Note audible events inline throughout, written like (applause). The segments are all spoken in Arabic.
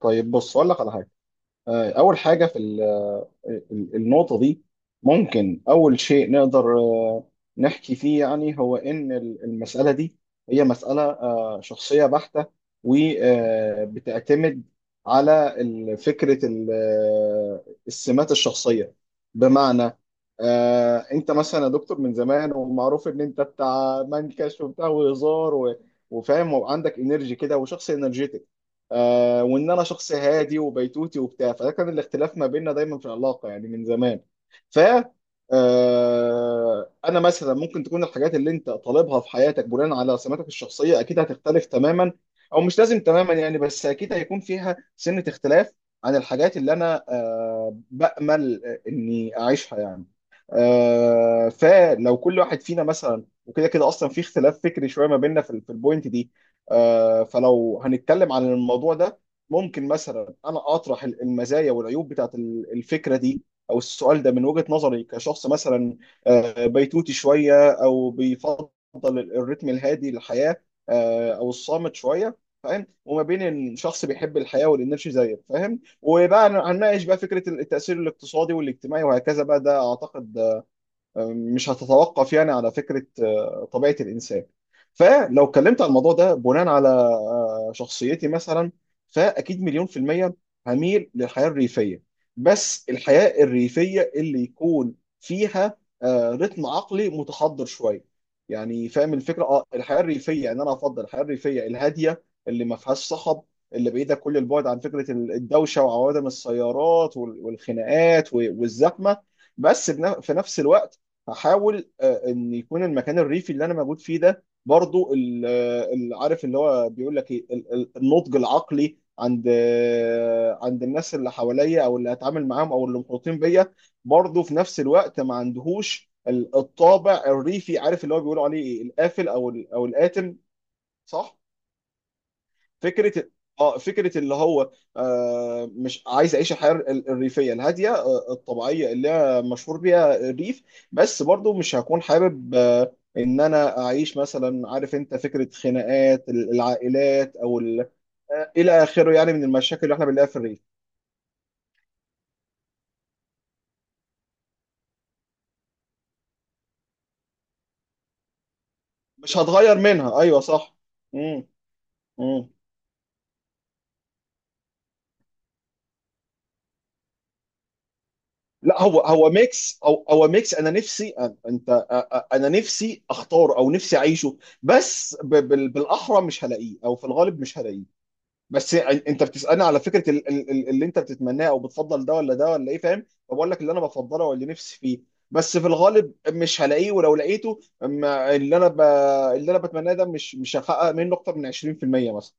طيب، بص اقول لك على حاجه. اول حاجه في النقطه دي ممكن اول شيء نقدر نحكي فيه، يعني هو ان المساله دي هي مساله شخصيه بحته، وبتعتمد على فكره السمات الشخصيه. بمعنى، انت مثلا يا دكتور من زمان ومعروف ان انت بتاع منكش وبتاع وهزار وفاهم وعندك انرجي كده وشخص انرجيتك، وان انا شخص هادي وبيتوتي وبتاع، فده كان الاختلاف ما بيننا دايما في العلاقه، يعني من زمان. ف آه انا مثلا ممكن تكون الحاجات اللي انت طالبها في حياتك بناء على سماتك الشخصيه اكيد هتختلف تماما، او مش لازم تماما، يعني، بس اكيد هيكون فيها سنه اختلاف عن الحاجات اللي انا بامل اني اعيشها، يعني. فلو كل واحد فينا مثلا، وكده كده اصلا في اختلاف فكري شويه ما بيننا في البوينت دي، فلو هنتكلم عن الموضوع ده، ممكن مثلا انا اطرح المزايا والعيوب بتاعت الفكره دي، او السؤال ده من وجهه نظري كشخص مثلا بيتوتي شويه، او بيفضل الريتم الهادي للحياه، او الصامت شويه، فاهم، وما بين إن شخص بيحب الحياه والانرجي زيك، فاهم. وبقى هنناقش بقى فكره التاثير الاقتصادي والاجتماعي وهكذا بقى، ده اعتقد مش هتتوقف، يعني، على فكرة طبيعة الإنسان. فلو اتكلمت على الموضوع ده بناء على شخصيتي مثلا، فأكيد مليون في المية هميل للحياة الريفية، بس الحياة الريفية اللي يكون فيها رتم عقلي متحضر شوية، يعني فاهم الفكرة. اه الحياة الريفية ان انا افضل الحياة الريفية الهادية، اللي ما فيهاش صخب، اللي بعيدة كل البعد عن فكرة الدوشة وعوادم السيارات والخناقات والزحمة. بس في نفس الوقت هحاول ان يكون المكان الريفي اللي انا موجود فيه ده برضو عارف اللي هو بيقول لك ايه، النضج العقلي عند عند الناس اللي حواليا او اللي هتعامل معاهم او اللي محيطين بيا، برضو في نفس الوقت ما عندهوش الطابع الريفي، عارف اللي هو بيقولوا عليه ايه، القافل او الآتم. صح؟ فكره اه فكره اللي هو مش عايز اعيش الحياه الريفيه الهاديه الطبيعيه اللي هي مشهور بيها الريف، بس برضو مش هكون حابب ان انا اعيش، مثلا عارف انت فكره خناقات العائلات او ال- آه، الى اخره، يعني، من المشاكل اللي احنا بنلاقيها في الريف. مش هتغير منها، ايوه صح. امم لا، هو ميكس، او هو ميكس انا نفسي انا نفسي اختاره، او نفسي اعيشه، بس بالاحرى مش هلاقيه، او في الغالب مش هلاقيه. بس انت بتسالني على فكره اللي انت بتتمناه او بتفضل ده ولا ده ولا ايه؟ فاهم، فبقول لك اللي انا بفضله واللي نفسي فيه. بس في الغالب مش هلاقيه، ولو لقيته اللي انا بتمناه ده مش هحقق منه اكتر من 20% مثلا.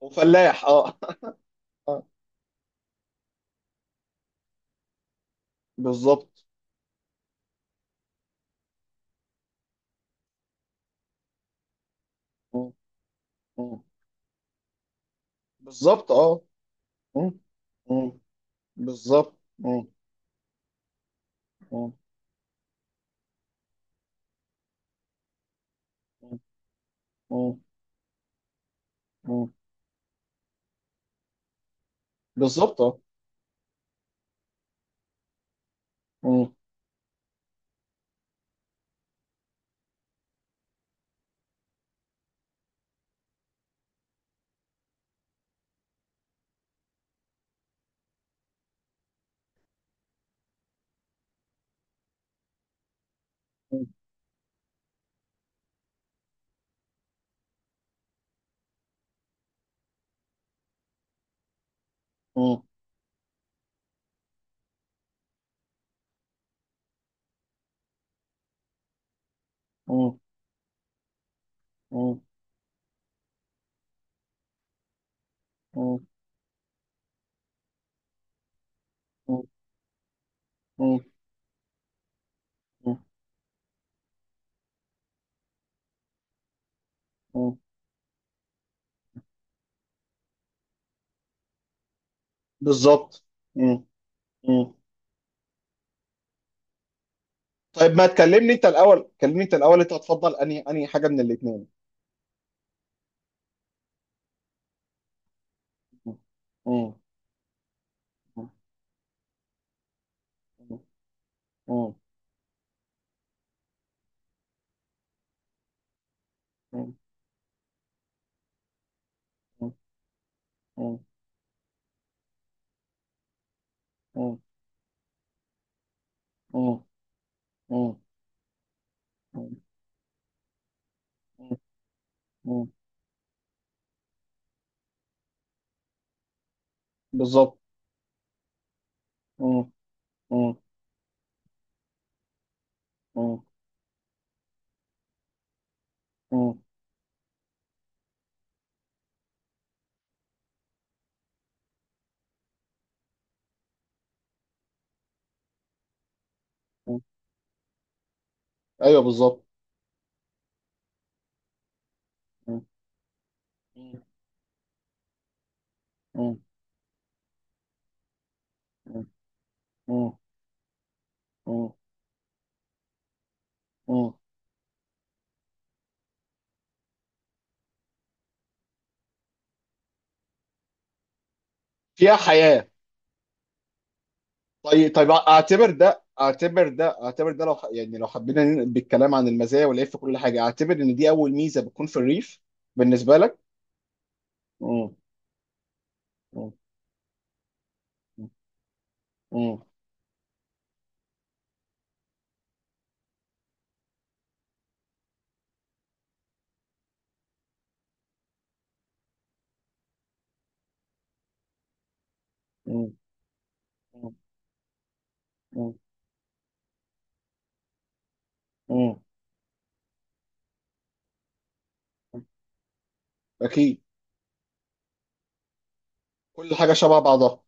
وفلاح، اه. (laughs) آه، بالظبط. م- م. بالظبط، اه. م- م. بالظبط. مم. مم. مم. مم. مم. بالظبط، اه. مم. مم. مم. مم. مم. مم. مم. مم. مم. بالظبط. مم. مم. طيب، ما تكلمني انت الاول، كلمني انت الاول، انت هتفضل انهي حاجه من الاثنين؟ بالظبط. مم. مم. مم. مم. ايوه، بالظبط. مم. مم. مم. مم. مم. فيها حياة. طيب، طيب، اعتبر ده اعتبر ده، لو يعني لو حبينا ننقل بالكلام عن المزايا والعيب في كل حاجة، اعتبر ان دي اول ميزة بتكون في الريف بالنسبة لك. مم. مم. مم. مم. مم. مم. اكيد، كل حاجه شبه بعضها.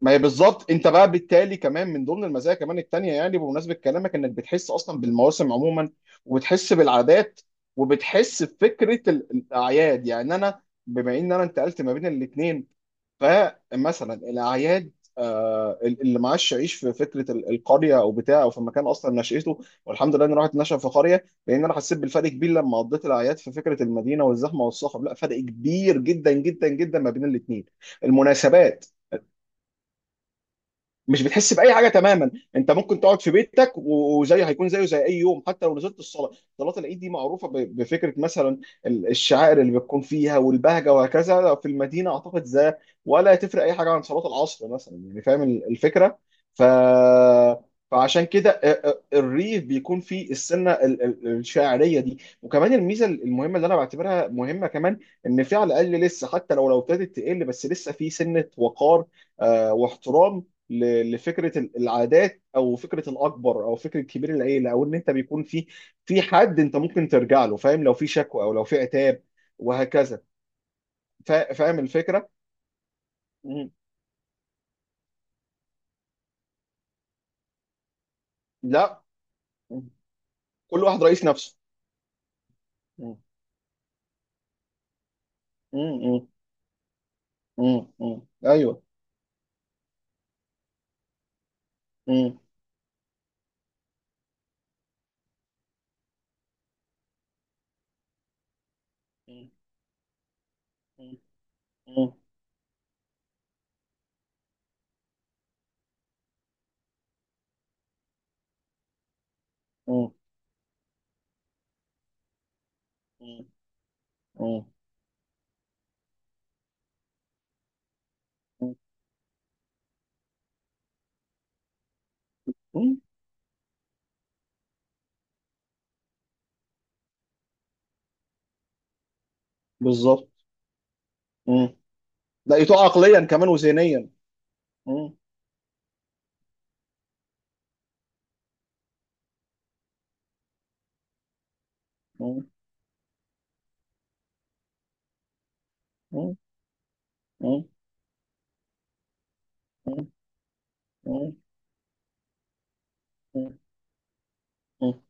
ما هي بالظبط، انت بقى بالتالي كمان من ضمن المزايا كمان التانية، يعني بمناسبة كلامك انك بتحس اصلا بالمواسم عموما، وبتحس بالعادات، وبتحس بفكرة الاعياد. يعني انا بما ان انا انتقلت ما بين الاثنين، فمثلا الاعياد اللي معاش يعيش في فكره القريه، او بتاع، او في مكان اصلا نشأته، والحمد لله اني راحت نشأ في قريه، لان انا حسيت بالفرق كبير لما قضيت الاعياد في فكره المدينه والزحمه والصخب. لا، فرق كبير جدا جدا جدا ما بين الاثنين، المناسبات. مش بتحس باي حاجه تماما. انت ممكن تقعد في بيتك وزي، هيكون زيه زي اي يوم، حتى لو نزلت الصلاه. صلاه العيد دي معروفه بفكره، مثلا، الشعائر اللي بتكون فيها والبهجه وهكذا. في المدينه اعتقد زي، ولا تفرق اي حاجه عن صلاه العصر مثلا، يعني فاهم الفكره. ف فعشان كده الريف بيكون فيه السنه الشاعريه دي، وكمان الميزه المهمه اللي انا بعتبرها مهمه كمان، ان في على الاقل لسه، حتى لو ابتدت تقل، بس لسه في سنه وقار، واحترام لفكره العادات، او فكره الاكبر، او فكره كبير العيله، او ان انت بيكون في حد انت ممكن ترجع له، فاهم، لو في شكوى او لو في عتاب وهكذا، فاهم الفكره؟ مم. لا. مم. كل واحد رئيس نفسه. مم. مم. مم. مم. ايوه. مم. مم. مم. مم. مم. مم. بالظبط. مم. لقيته عقليا كمان وذهنيا. مم. مم. مم. مم. مم. مم. مم.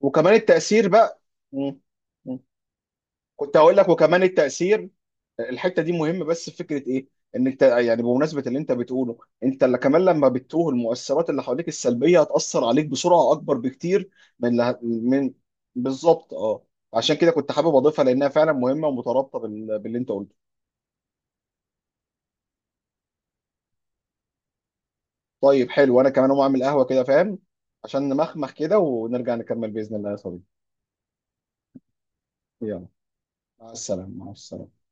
وكمان التأثير بقى. مم. مم. كنت هقول لك وكمان التأثير، الحته دي مهمه، بس في فكره ايه، ان انت، يعني، بمناسبه اللي انت بتقوله، انت اللي كمان لما بتتوه، المؤثرات اللي حواليك السلبيه هتاثر عليك بسرعه اكبر بكتير من بالظبط، اه. عشان كده كنت حابب اضيفها، لانها فعلا مهمه ومترابطه باللي انت قلته. طيب، حلو، انا كمان اقوم اعمل قهوه كده، فاهم، عشان نمخمخ كده ونرجع نكمل باذن الله يا صديقي. يلا، مع السلامه، مع السلامه.